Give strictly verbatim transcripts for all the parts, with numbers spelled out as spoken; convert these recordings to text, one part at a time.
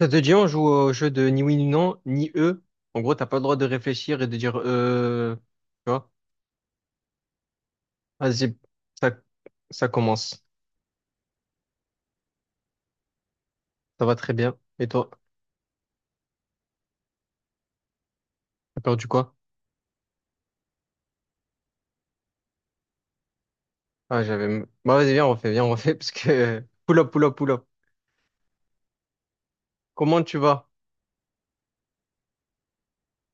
Ça te dit, on joue au jeu de ni oui ni non, ni eux. En gros, t'as pas le droit de réfléchir et de dire euh. Tu vois? Vas-y, ça, ça commence. Ça va très bien. Et toi? T'as perdu quoi? Ah, j'avais. Bah, vas-y, viens, on refait, viens, on refait, parce que. Pull up, pull up, pull up. Comment tu vas?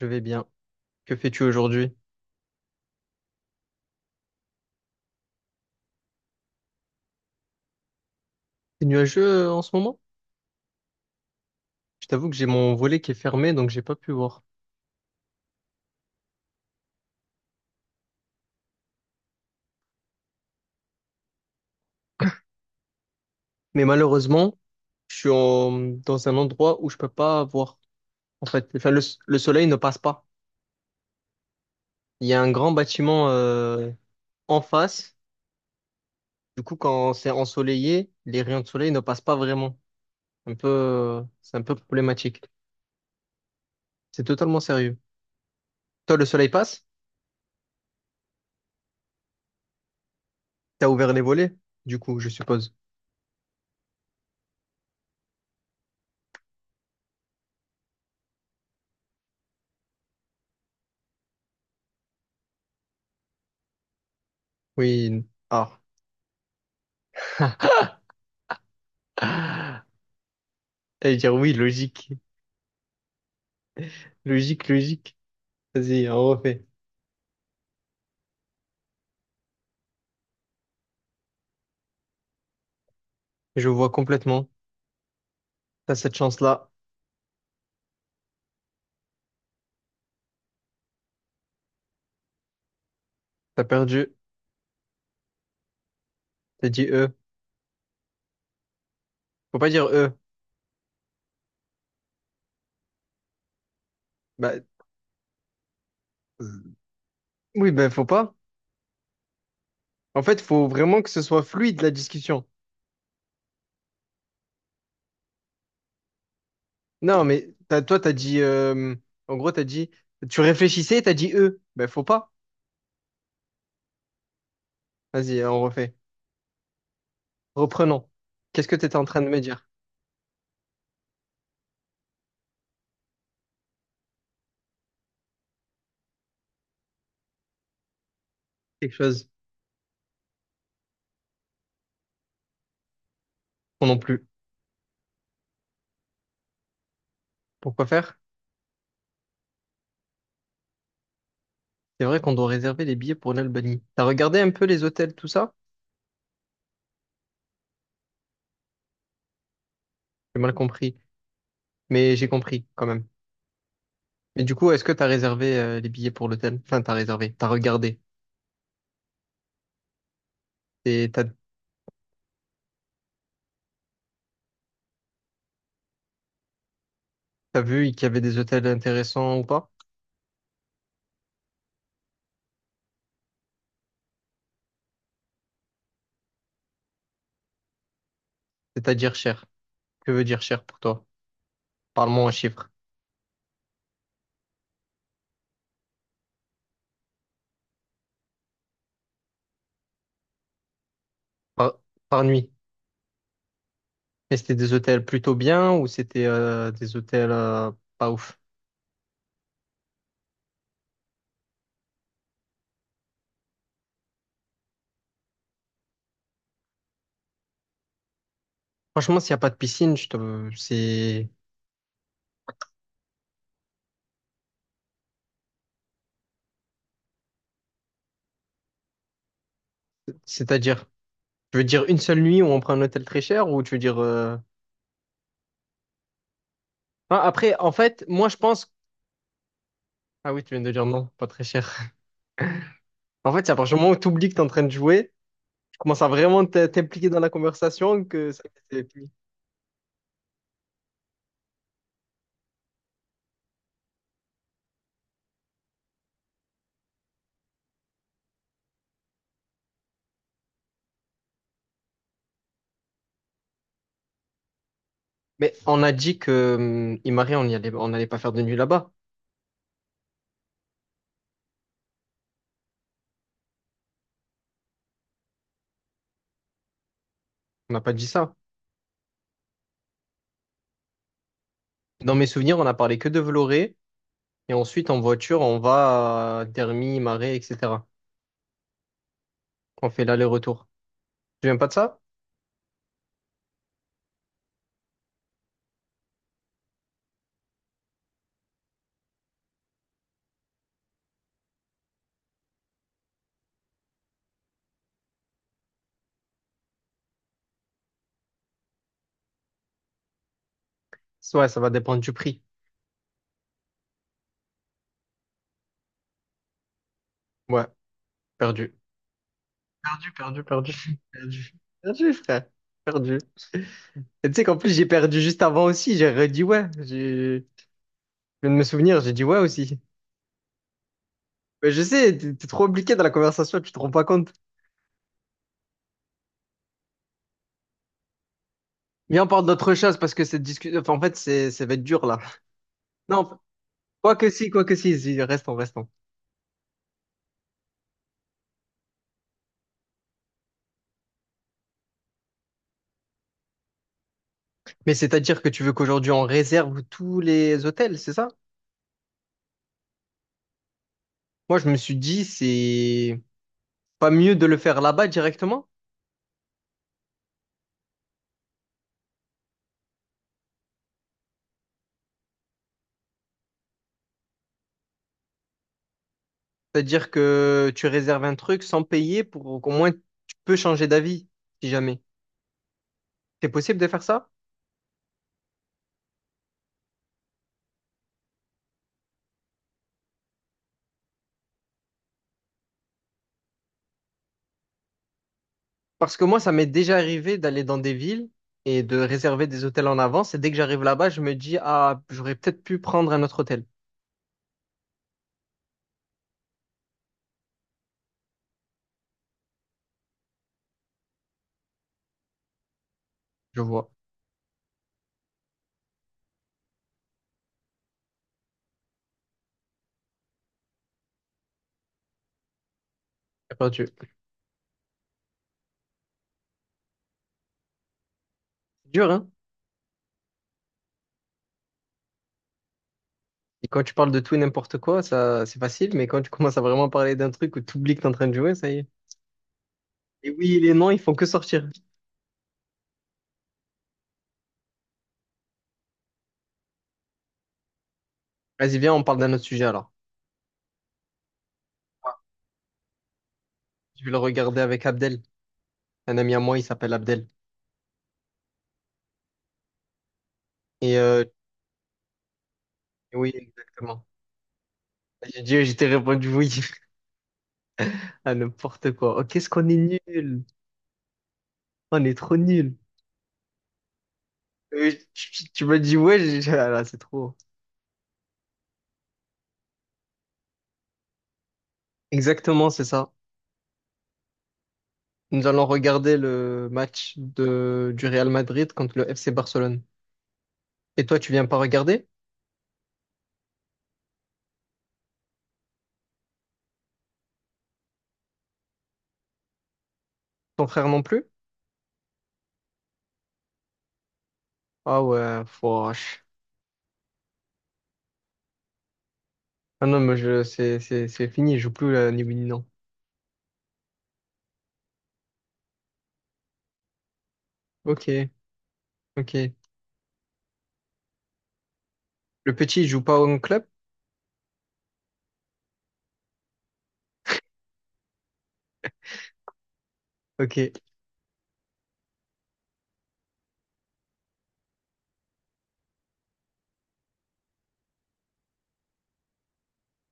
Je vais bien. Que fais-tu aujourd'hui? C'est nuageux euh, en ce moment? Je t'avoue que j'ai mon volet qui est fermé, donc j'ai pas pu voir. Mais malheureusement, je suis en- dans un endroit où je peux pas voir. En fait, enfin, le, le soleil ne passe pas. Il y a un grand bâtiment euh, en face. Du coup, quand c'est ensoleillé, les rayons de soleil ne passent pas vraiment. Un peu, euh, c'est un peu problématique. C'est totalement sérieux. Toi, le soleil passe? T'as ouvert les volets? Du coup, je suppose. Oui. Ah. J'allais dire oui, logique. Logique, logique. Vas-y, on refait. Je vois complètement. T'as cette chance-là. T'as perdu. T'as dit E. Faut pas dire E. Bah, oui, ben faut pas. En fait, faut vraiment que ce soit fluide la discussion. Non, mais t'as- toi, t'as dit. euh, en gros, t'as dit. Tu réfléchissais, t'as dit eux. Ben, faut pas. Vas-y, euh, on refait. Reprenons. Qu'est-ce que t'étais en train de me dire? Quelque chose. Non non plus. Pourquoi faire? C'est vrai qu'on doit réserver les billets pour l'Albanie. T'as regardé un peu les hôtels, tout ça? J'ai mal compris. Mais j'ai compris, quand même. Mais du coup, est-ce que t'as réservé euh, les billets pour l'hôtel? Enfin, t'as réservé. T'as regardé. Et t'as t'as vu qu'il y avait des hôtels intéressants ou pas? C'est-à-dire cher. Que veut dire cher pour toi? Parle-moi en chiffres. Par, par nuit. Et c'était des hôtels plutôt bien ou c'était euh, des hôtels euh, pas ouf? Franchement, s'il n'y a pas de piscine, je te c'est C'est-à-dire, tu veux dire une seule nuit où on prend un hôtel très cher ou tu veux dire euh, ah, après, en fait, moi je pense Ah oui, tu viens de dire non, pas très cher. En fait, c'est à partir du moment où tu oublies que tu es en train de jouer, tu commences à vraiment t- t'impliquer dans la conversation que ça- c'est fini. Mais on a dit que hum, Imari, on y allait on n'allait pas faire de nuit là-bas. On n'a pas dit ça. Dans mes souvenirs, on a parlé que de Vloré. Et ensuite, en voiture, on va à Dermy, Marais, et cetera. On fait l'aller-retour. Tu viens pas de ça? Ouais, ça va dépendre du prix. Ouais, perdu. Perdu, perdu, perdu. Perdu. Perdu, frère. Perdu. Et tu sais qu'en plus, j'ai perdu juste avant aussi. J'ai redit ouais. J'ai- Je viens de me souvenir, j'ai dit ouais aussi. Mais je sais, t'es t'es trop impliqué dans la conversation, tu te rends pas compte. Viens, on parle d'autre chose parce que cette discussion, enfin, en fait, c'est, ça va être dur là. Non, quoi que si, quoi que si, si, restons, restons. Mais c'est-à-dire que tu veux qu'aujourd'hui on réserve tous les hôtels, c'est ça? Moi, je me suis dit, c'est pas mieux de le faire là-bas directement? C'est-à-dire que tu réserves un truc sans payer pour qu'au moins tu peux changer d'avis, si jamais. C'est possible de faire ça? Parce que moi, ça m'est déjà arrivé d'aller dans des villes et de réserver des hôtels en avance. Et dès que j'arrive là-bas, je me dis, ah, j'aurais peut-être pu prendre un autre hôtel. Je vois. J'ai perdu. C'est dur, hein? Et quand tu parles de tout et n'importe quoi, ça, c'est facile. Mais quand tu commences à vraiment parler d'un truc où tu oublies que t'es en train de jouer, ça y est. Et oui, et les noms, ils font que sortir. Vas-y, viens, on parle d'un autre sujet alors. Je vais le regarder avec Abdel. Un ami à moi, il s'appelle Abdel. Et euh, oui, exactement. J'ai dit, j'ai répondu oui à n'importe quoi. Oh, qu'est-ce qu'on est nul. On est trop nul. Euh, tu tu- tu m'as dit ouais, j'ai- ah là, c'est trop. Exactement, c'est ça. Nous allons regarder le match de, du Real Madrid contre le F C Barcelone. Et toi, tu viens pas regarder? Ton frère non plus? Ah ouais, fouache. Ah non, mais je, c'est, c'est, c'est fini, je joue plus euh, ni oui ni non. Ok, ok. Le petit, il joue pas au club? Ok,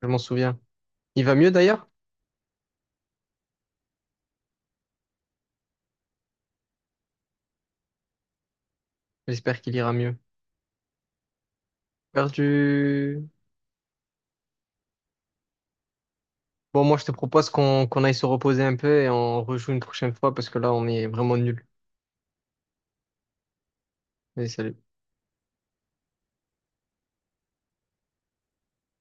je m'en souviens. Il va mieux d'ailleurs? J'espère qu'il ira mieux. Perdu. Bon, moi, je te propose qu'on qu'on aille se reposer un peu et on rejoue une prochaine fois parce que là, on est vraiment nuls. Allez, salut.